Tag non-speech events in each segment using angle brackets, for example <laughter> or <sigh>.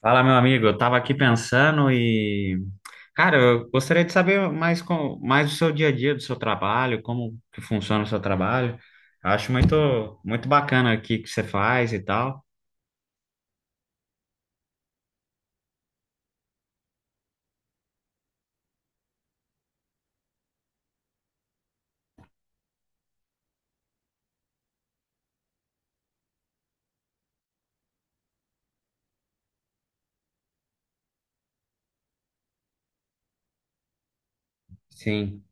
Fala, meu amigo. Eu tava aqui pensando e, cara, eu gostaria de saber mais do seu dia a dia, do seu trabalho, como que funciona o seu trabalho. Eu acho muito muito bacana aqui que você faz e tal. Sim.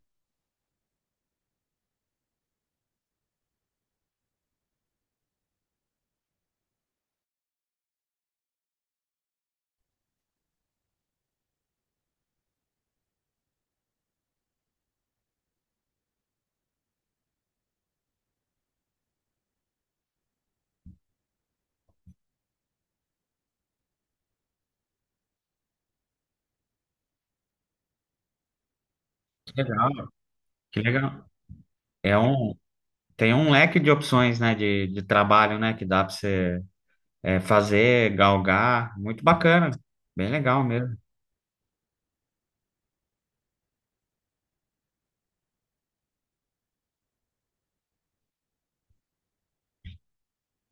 Que legal. Que legal. É um tem um leque de opções, né, de trabalho, né, que dá para você fazer, galgar. Muito bacana. Bem legal mesmo.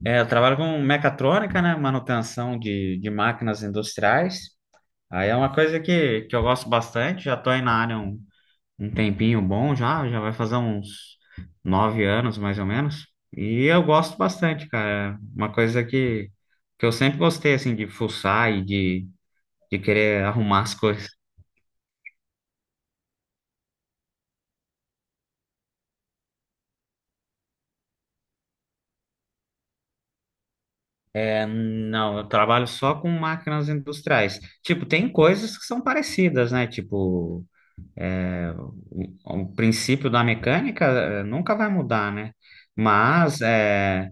É, eu trabalho com mecatrônica, né, manutenção de máquinas industriais. Aí é uma coisa que eu gosto bastante, já tô aí na área um, um tempinho bom já vai fazer uns 9 anos mais ou menos. E eu gosto bastante, cara. É uma coisa que eu sempre gostei, assim, de fuçar e de querer arrumar as <laughs> coisas. É, não, eu trabalho só com máquinas industriais. Tipo, tem coisas que são parecidas, né? Tipo, é, o, o princípio da mecânica nunca vai mudar, né? Mas,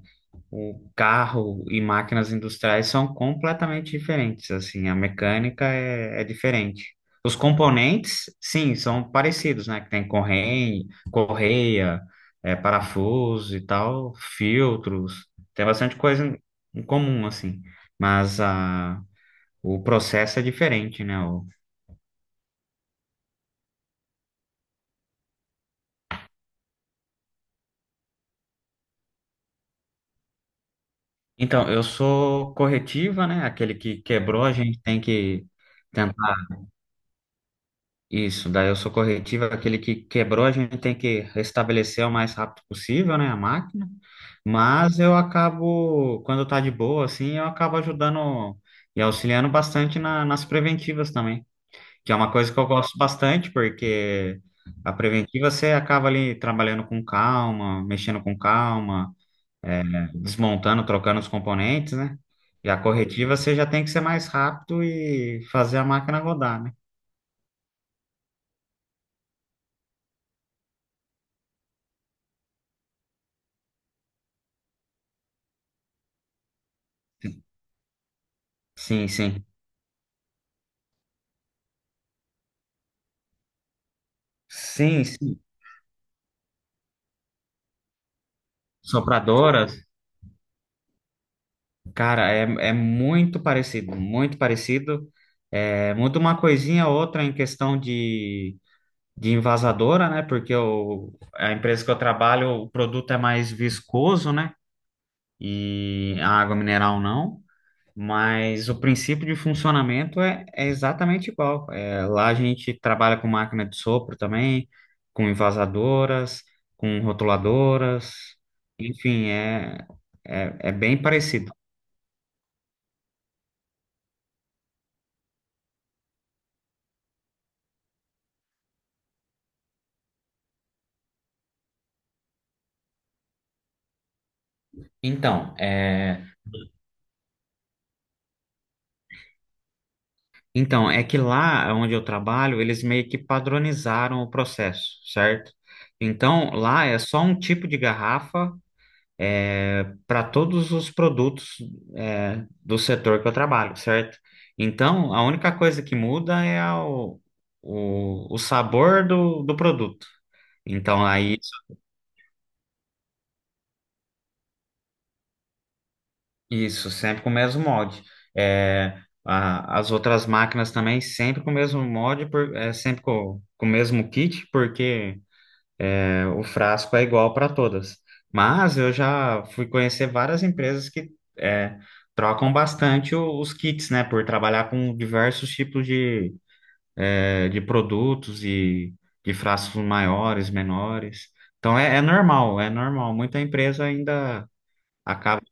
o carro e máquinas industriais são completamente diferentes, assim, a mecânica é diferente. Os componentes, sim, são parecidos, né? Que tem correia, correia, parafuso e tal, filtros, tem bastante coisa em comum, assim, mas o processo é diferente, né? Então, eu sou corretiva, né? Aquele que quebrou, a gente tem que. Isso, daí eu sou corretivo, aquele que quebrou, a gente tem que restabelecer o mais rápido possível, né, a máquina. Mas eu acabo, quando tá de boa, assim, eu acabo ajudando e auxiliando bastante nas preventivas também, que é uma coisa que eu gosto bastante, porque a preventiva você acaba ali trabalhando com calma, mexendo com calma, é, desmontando, trocando os componentes, né? E a corretiva você já tem que ser mais rápido e fazer a máquina rodar, né? Sim, sim. Sim, sim. Sopradoras, cara, é muito parecido, muito parecido. É, muda uma coisinha ou outra em questão de envasadora, né? Porque a empresa que eu trabalho, o produto é mais viscoso, né? E a água mineral não. Mas o princípio de funcionamento é exatamente igual. É, lá a gente trabalha com máquina de sopro também, com envasadoras, com rotuladoras, enfim, bem parecido. Então, é, é que lá onde eu trabalho, eles meio que padronizaram o processo, certo? Então, lá é só um tipo de garrafa para todos os produtos do setor que eu trabalho, certo? Então, a única coisa que muda é o sabor do produto. Então, aí, isso, sempre com o mesmo molde. É, as outras máquinas também, sempre com o mesmo molde, sempre com o mesmo kit, porque o frasco é igual para todas. Mas eu já fui conhecer várias empresas que é, trocam bastante os kits, né? Por trabalhar com diversos tipos de produtos e de frascos maiores, menores. Então é, é normal, é normal. Muita empresa ainda acaba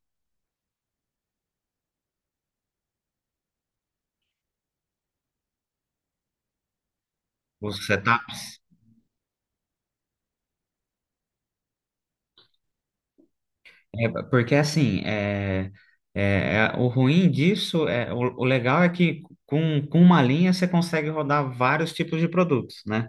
com os setups. Porque assim, o ruim disso, o legal é que com uma linha você consegue rodar vários tipos de produtos, né?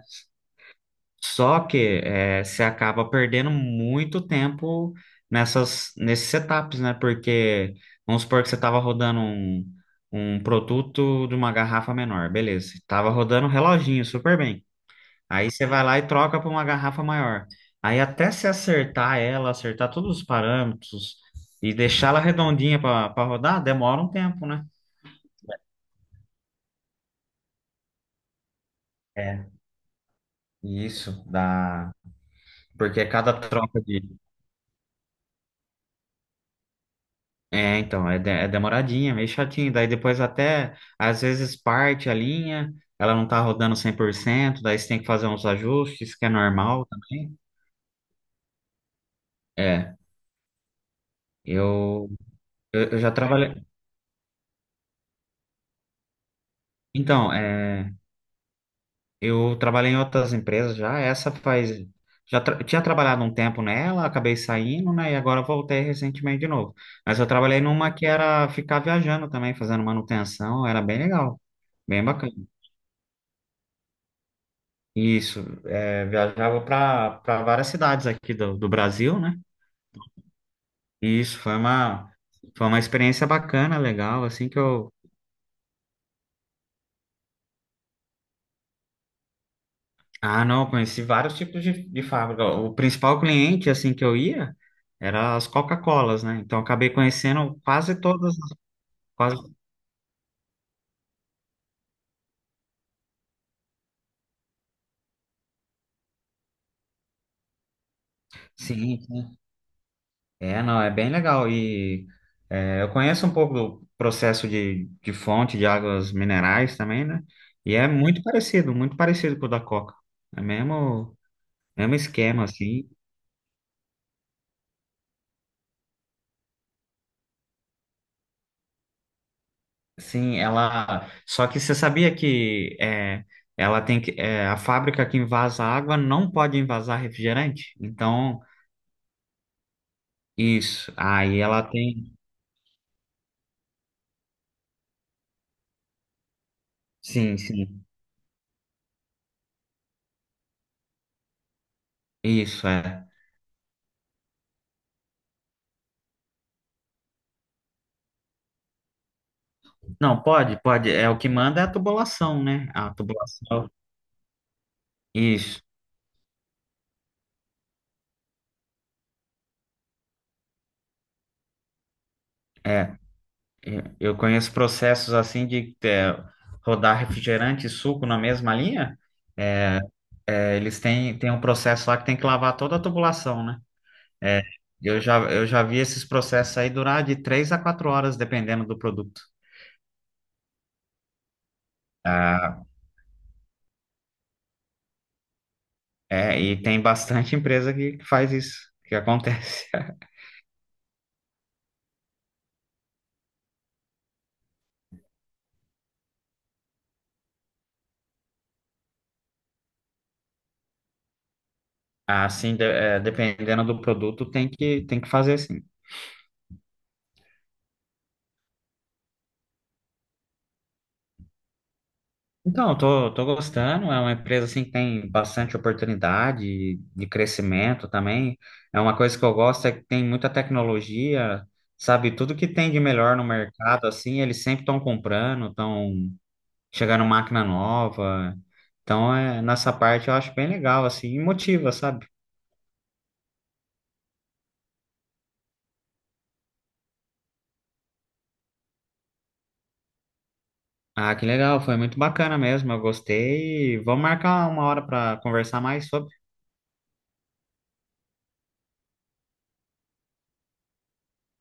Só que você acaba perdendo muito tempo nesses setups, né? Porque vamos supor que você estava rodando um produto de uma garrafa menor, beleza. Estava rodando um reloginho super bem. Aí você vai lá e troca para uma garrafa maior. Aí até se acertar ela, acertar todos os parâmetros e deixar ela redondinha para rodar, demora um tempo, né? É. Isso, dá. Porque cada troca de. É, então, é demoradinha, meio chatinho. Daí depois até, às vezes, parte a linha, ela não tá rodando 100%. Daí você tem que fazer uns ajustes, que é normal também. É, eu, eu já trabalhei. Então, eu trabalhei em outras empresas já, essa faz. Já tinha trabalhado um tempo nela, acabei saindo, né? E agora voltei recentemente de novo. Mas eu trabalhei numa que era ficar viajando também, fazendo manutenção, era bem legal, bem bacana. Isso, é, viajava para várias cidades aqui do, do Brasil, né? E isso foi uma experiência bacana, legal, assim que eu. Ah, não, eu conheci vários tipos de fábrica. O principal cliente assim que eu ia era as Coca-Colas, né? Então eu acabei conhecendo quase todas, quase. Sim. Sim. É, não, é bem legal e eu conheço um pouco do processo de fonte de águas minerais também, né? E é muito parecido com o da Coca. É mesmo. É um esquema, assim. Sim, ela. Só que você sabia que ela tem que. A fábrica que invasa água não pode invasar refrigerante? Então, isso. Aí ela tem. Sim, sim. Isso, é. Não, pode, pode. É o que manda é a tubulação, né? A tubulação. Isso, é. Eu conheço processos assim de rodar refrigerante e suco na mesma linha. É, é, eles têm um processo lá que tem que lavar toda a tubulação, né? É, eu já vi esses processos aí durar de 3 a 4 horas, dependendo do produto. Ah, é, e tem bastante <laughs> empresa que faz isso, que acontece. <laughs> Assim, é, dependendo do produto, tem que fazer assim. Então, eu tô gostando, é uma empresa assim que tem bastante oportunidade de crescimento também. É uma coisa que eu gosto é que tem muita tecnologia, sabe? Tudo que tem de melhor no mercado, assim, eles sempre estão comprando, estão chegar numa máquina nova. Então, é, nessa parte eu acho bem legal, assim, e motiva, sabe? Ah, que legal, foi muito bacana mesmo, eu gostei. Vamos marcar uma hora para conversar mais sobre.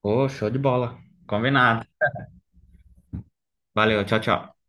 Ô, show de bola. Combinado. Valeu, tchau, tchau.